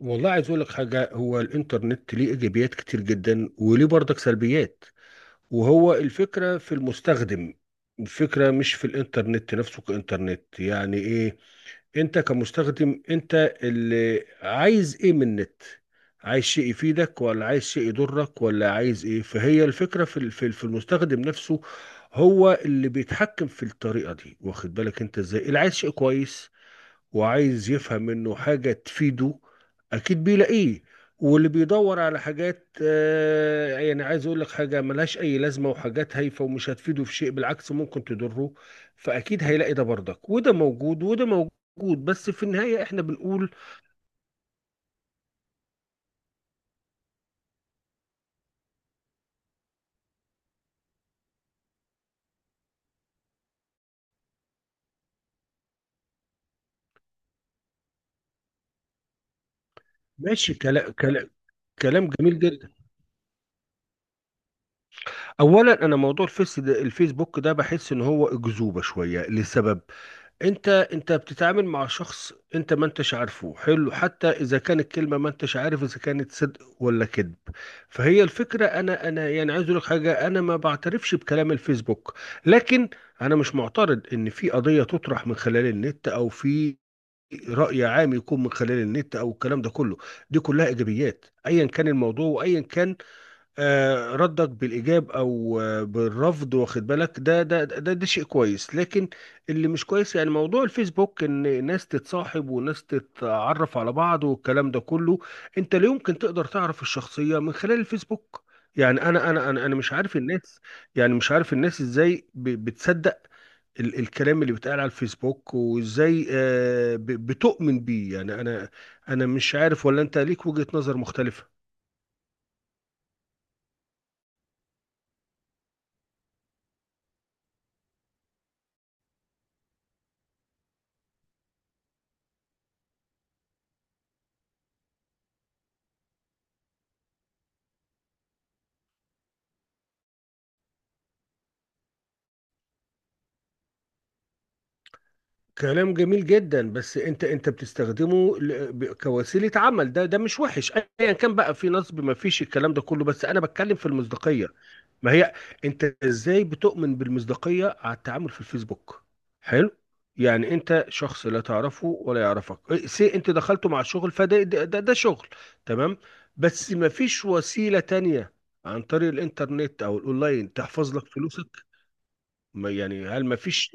والله، عايز اقول لك حاجه، هو الانترنت ليه ايجابيات كتير جدا وليه برضك سلبيات، وهو الفكره في المستخدم. الفكره مش في الانترنت نفسه كانترنت، يعني ايه، انت كمستخدم انت اللي عايز ايه من النت. عايز شيء يفيدك ولا عايز شيء يضرك ولا عايز ايه؟ فهي الفكره في المستخدم نفسه. هو اللي بيتحكم في الطريقه دي، واخد بالك انت ازاي؟ اللي عايز شيء كويس وعايز يفهم منه حاجة تفيده، أكيد بيلاقيه. واللي بيدور على حاجات يعني عايز أقول لك حاجة ملهاش أي لازمة، وحاجات هايفة ومش هتفيده في شيء، بالعكس ممكن تضره. فأكيد هيلاقي ده برضك، وده موجود وده موجود، بس في النهاية إحنا بنقول ماشي، كلام كلام. كلام جميل جدا. أولا، أنا موضوع الفيس ده الفيسبوك ده بحس إن هو أكذوبة شوية لسبب. انت بتتعامل مع شخص انت ما انتش عارفه، حلو، حتى اذا كانت كلمه، ما انتش عارف اذا كانت صدق ولا كذب. فهي الفكره، انا يعني عايز اقول لك حاجه، انا ما بعترفش بكلام الفيسبوك. لكن انا مش معترض ان في قضيه تطرح من خلال النت، او في راي عام يكون من خلال النت، او الكلام ده كله. دي كلها ايجابيات، ايا كان الموضوع وايا كان ردك بالإيجاب أو بالرفض، واخد بالك؟ ده شيء كويس، لكن اللي مش كويس يعني موضوع الفيسبوك، إن ناس تتصاحب وناس تتعرف على بعض والكلام ده كله. أنت لا يمكن تقدر تعرف الشخصية من خلال الفيسبوك. يعني أنا مش عارف الناس. يعني مش عارف الناس إزاي بتصدق الكلام اللي بيتقال على الفيسبوك، وإزاي بتؤمن بيه، يعني أنا أنا مش عارف، ولا أنت ليك وجهة نظر مختلفة؟ كلام جميل جدا، بس انت بتستخدمه كوسيله عمل، ده مش وحش. ايا كان بقى، في نصب ما فيش الكلام ده كله، بس انا بتكلم في المصداقيه. ما هي، انت ازاي بتؤمن بالمصداقيه على التعامل في الفيسبوك؟ حلو. يعني انت شخص لا تعرفه ولا يعرفك، إيه، سي انت دخلته مع شغل، فده ده, ده, ده شغل، تمام. بس ما فيش وسيله تانية عن طريق الانترنت او الاونلاين تحفظ لك فلوسك؟ ما يعني، هل ما فيش؟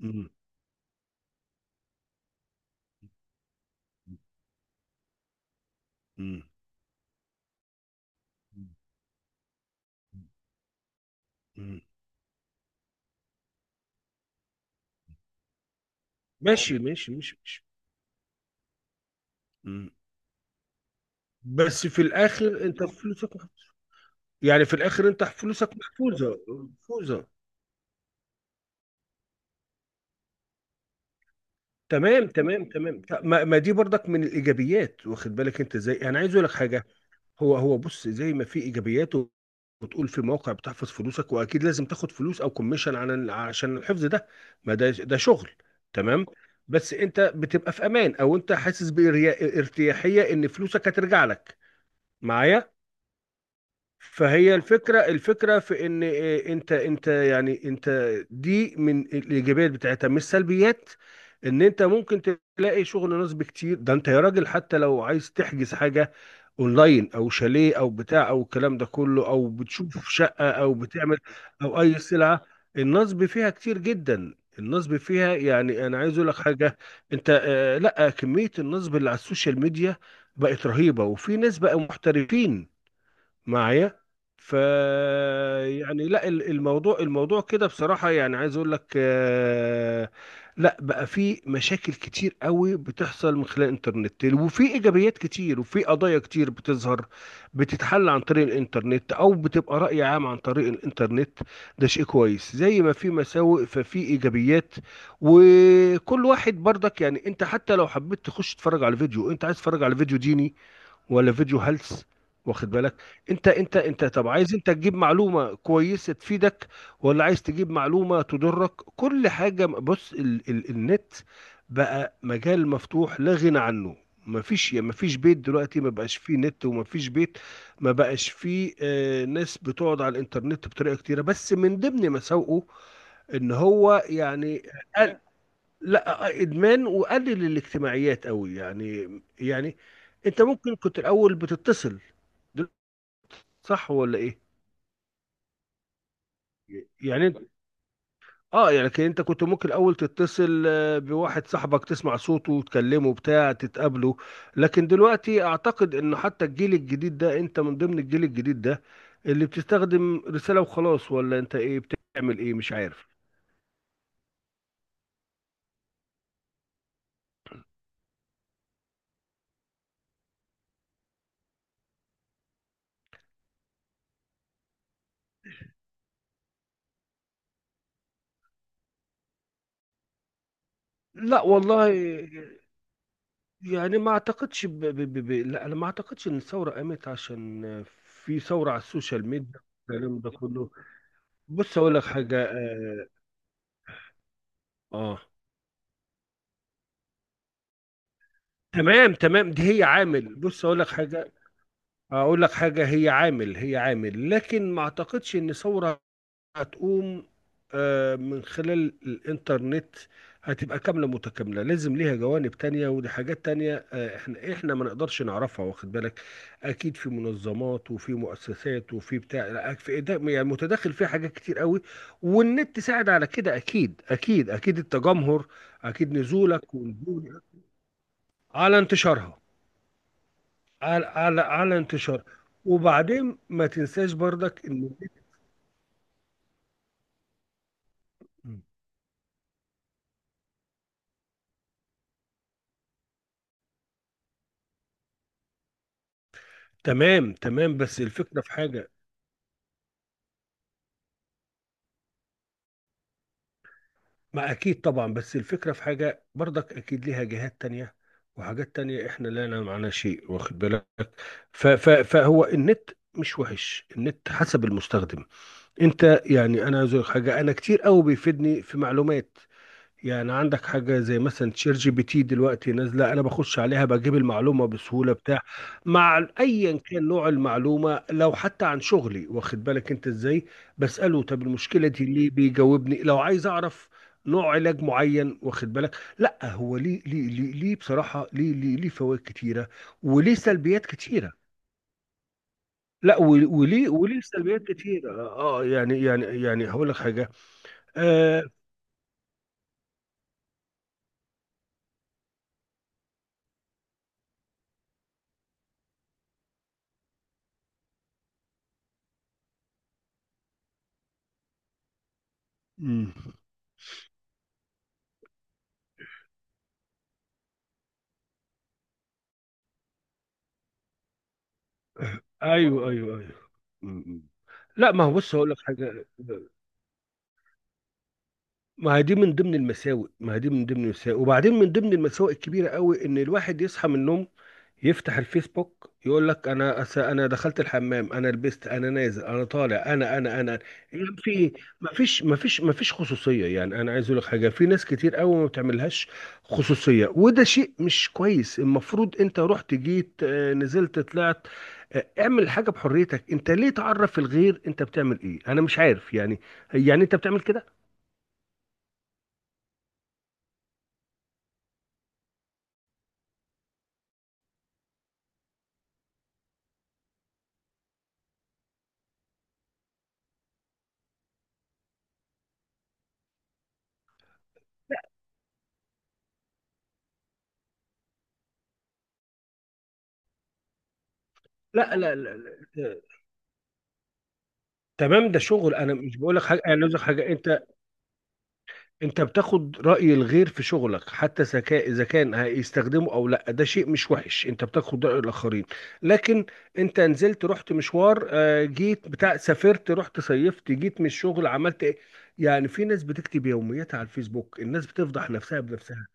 مم. مم. مم. ماشي ماشي ماشي ماشي. مم. بس في الاخر انت فلوسك محفوظة. يعني في الاخر انت فلوسك محفوظه محفوظه. تمام تمام تمام. ما دي برضك من الايجابيات، واخد بالك انت ازاي؟ انا عايز اقول لك حاجه. هو بص، زي ما في ايجابيات وتقول في موقع بتحفظ فلوسك، واكيد لازم تاخد فلوس او كوميشن عشان الحفظ ده. ما ده شغل، تمام. بس انت بتبقى في امان، او انت حاسس بارتياحيه ان فلوسك هترجع لك. معايا. فهي الفكرة في ان إيه، انت يعني انت، دي من الايجابيات بتاعتها، مش سلبيات. ان انت ممكن تلاقي شغل، نصب كتير ده انت يا راجل، حتى لو عايز تحجز حاجة اونلاين، او شاليه او بتاع، او الكلام ده كله، او بتشوف شقة، او بتعمل، او اي سلعة. النصب فيها كتير جدا، النصب فيها، يعني انا عايز اقول لك حاجة. انت آه، لا، كمية النصب اللي على السوشيال ميديا بقت رهيبة، وفي ناس بقى محترفين. معايا. ف يعني لا، الموضوع كده بصراحة، يعني عايز اقول لك، لا بقى، في مشاكل كتير قوي بتحصل من خلال الانترنت، وفي ايجابيات كتير، وفي قضايا كتير بتظهر، بتتحل عن طريق الانترنت، او بتبقى رأي عام عن طريق الانترنت. ده شيء كويس، زي ما في مساوئ ففي ايجابيات. وكل واحد برضك، يعني انت حتى لو حبيت تخش تتفرج على فيديو، انت عايز تتفرج على فيديو ديني ولا فيديو هلس؟ واخد بالك؟ انت طب عايز انت تجيب معلومه كويسه تفيدك ولا عايز تجيب معلومه تضرك؟ كل حاجه، بص، ال ال النت بقى مجال مفتوح لا غنى عنه. مفيش بيت دلوقتي ما بقاش فيه نت، ومفيش بيت ما بقاش فيه ناس بتقعد على الانترنت بطريقه كتيره، بس من ضمن مساوئه ان هو يعني، لا، ادمان، وقلل الاجتماعيات قوي يعني. يعني انت ممكن كنت الاول بتتصل، دل- صح ولا ايه؟ يعني انت، اه يعني لكن انت كنت ممكن الاول تتصل بواحد صاحبك تسمع صوته وتكلمه بتاع تتقابله. لكن دلوقتي اعتقد انه حتى الجيل الجديد ده، انت من ضمن الجيل الجديد ده، اللي بتستخدم رسالة وخلاص، ولا انت ايه بتعمل ايه مش عارف. لا والله، يعني ما اعتقدش لا انا ما اعتقدش ان الثوره قامت عشان في ثوره على السوشيال ميديا. الكلام ده كله، بص اقول لك حاجه، آه. تمام تمام، دي هي عامل، بص اقول لك حاجه، هي عامل هي عامل، لكن ما اعتقدش ان ثوره هتقوم من خلال الانترنت. هتبقى كاملة متكاملة، لازم ليها جوانب تانية، ودي حاجات تانية، احنا ما نقدرش نعرفها، واخد بالك. اكيد في منظمات، وفي مؤسسات، وفي بتاع، لا، يعني متداخل فيها حاجات كتير قوي. والنت ساعد على كده اكيد اكيد اكيد، التجمهر، اكيد نزولك ونزول، على انتشارها، على انتشار. وبعدين ما تنساش برضك ان، تمام تمام، بس الفكرة في حاجة. ما اكيد طبعا، بس الفكره في حاجه برضك، اكيد ليها جهات تانية وحاجات تانية احنا لا نعلم عنها شيء، واخد بالك. ف ف فهو النت مش وحش، النت حسب المستخدم. انت يعني، انا عايز أقول لك حاجه، انا كتير قوي بيفيدني في معلومات. يعني عندك حاجة زي مثلا شير GPT دلوقتي نازلة، أنا بخش عليها بجيب المعلومة بسهولة بتاع، مع أيا كان نوع المعلومة، لو حتى عن شغلي. واخد بالك أنت إزاي؟ بسأله طب المشكلة دي ليه، بيجاوبني، لو عايز أعرف نوع علاج معين، واخد بالك؟ لا هو ليه بصراحة، ليه فوائد كتيرة، وليه سلبيات كتيرة. لا، وليه سلبيات كتيرة، يعني هقول لك حاجة. آه. مم. ايوه ايوه أيوه. م- م. لا، ما هو بص هقول لك حاجه، ما هي دي من ضمن المساوئ، ما هي دي من ضمن المساوئ، وبعدين من ضمن المساوئ الكبيرة قوي، ان الواحد يصحى من النوم يفتح الفيسبوك يقول لك انا دخلت الحمام، انا لبست، انا نازل، انا طالع، انا. يعني في ما فيش ما فيش ما فيش خصوصية، يعني انا عايز اقول لك حاجة، في ناس كتير قوي ما بتعملهاش خصوصية، وده شيء مش كويس. المفروض انت رحت جيت نزلت طلعت، اعمل حاجة بحريتك، انت ليه تعرف الغير انت بتعمل ايه، انا مش عارف يعني، يعني انت بتعمل كده. لا لا لا, لا. تمام، ده شغل، انا مش بقول لك حاجه، انا عايز أقول لك حاجه، انت انت بتاخد راي الغير في شغلك، حتى ذكاء اذا كان هيستخدمه او لا، ده شيء مش وحش، انت بتاخد راي الاخرين. لكن انت نزلت رحت مشوار جيت بتاع سافرت رحت صيفت جيت من الشغل عملت ايه، يعني في ناس بتكتب يومياتها على الفيسبوك، الناس بتفضح نفسها بنفسها.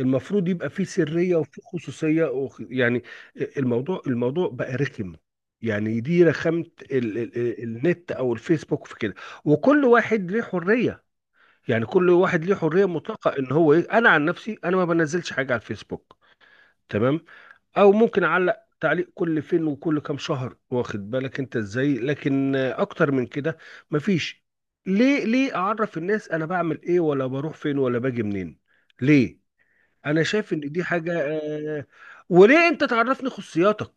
المفروض يبقى فيه سرية وفيه خصوصية يعني، الموضوع بقى رخم، يعني دي رخامة. النت او الفيسبوك في كده، وكل واحد ليه حرية. يعني كل واحد ليه حرية مطلقة، انا عن نفسي انا ما بنزلش حاجة على الفيسبوك، تمام، او ممكن اعلق تعليق كل فين وكل كام شهر، واخد بالك انت ازاي، لكن اكتر من كده مفيش. ليه اعرف الناس انا بعمل ايه ولا بروح فين ولا باجي منين؟ ليه؟ انا شايف ان دي حاجه آه، وليه انت تعرفني خصوصياتك؟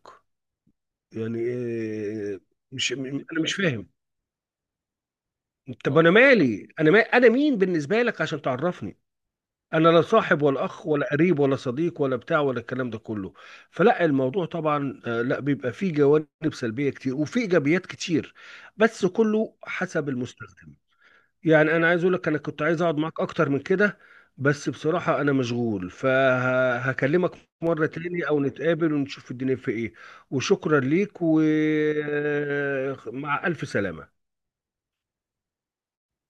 يعني آه، مش انا مش فاهم. طب انا مالي، انا ما انا مين بالنسبه لك عشان تعرفني؟ انا لا صاحب ولا اخ ولا قريب ولا صديق ولا بتاع، ولا الكلام ده كله. فلا الموضوع طبعا، لا، بيبقى فيه جوانب سلبيه كتير وفيه ايجابيات كتير، بس كله حسب المستخدم. يعني انا عايز اقول لك، انا كنت عايز اقعد معاك اكتر من كده، بس بصراحة انا مشغول، فهكلمك مرة تاني، او نتقابل ونشوف الدنيا في ايه. وشكرا ليك، ومع الف سلامة.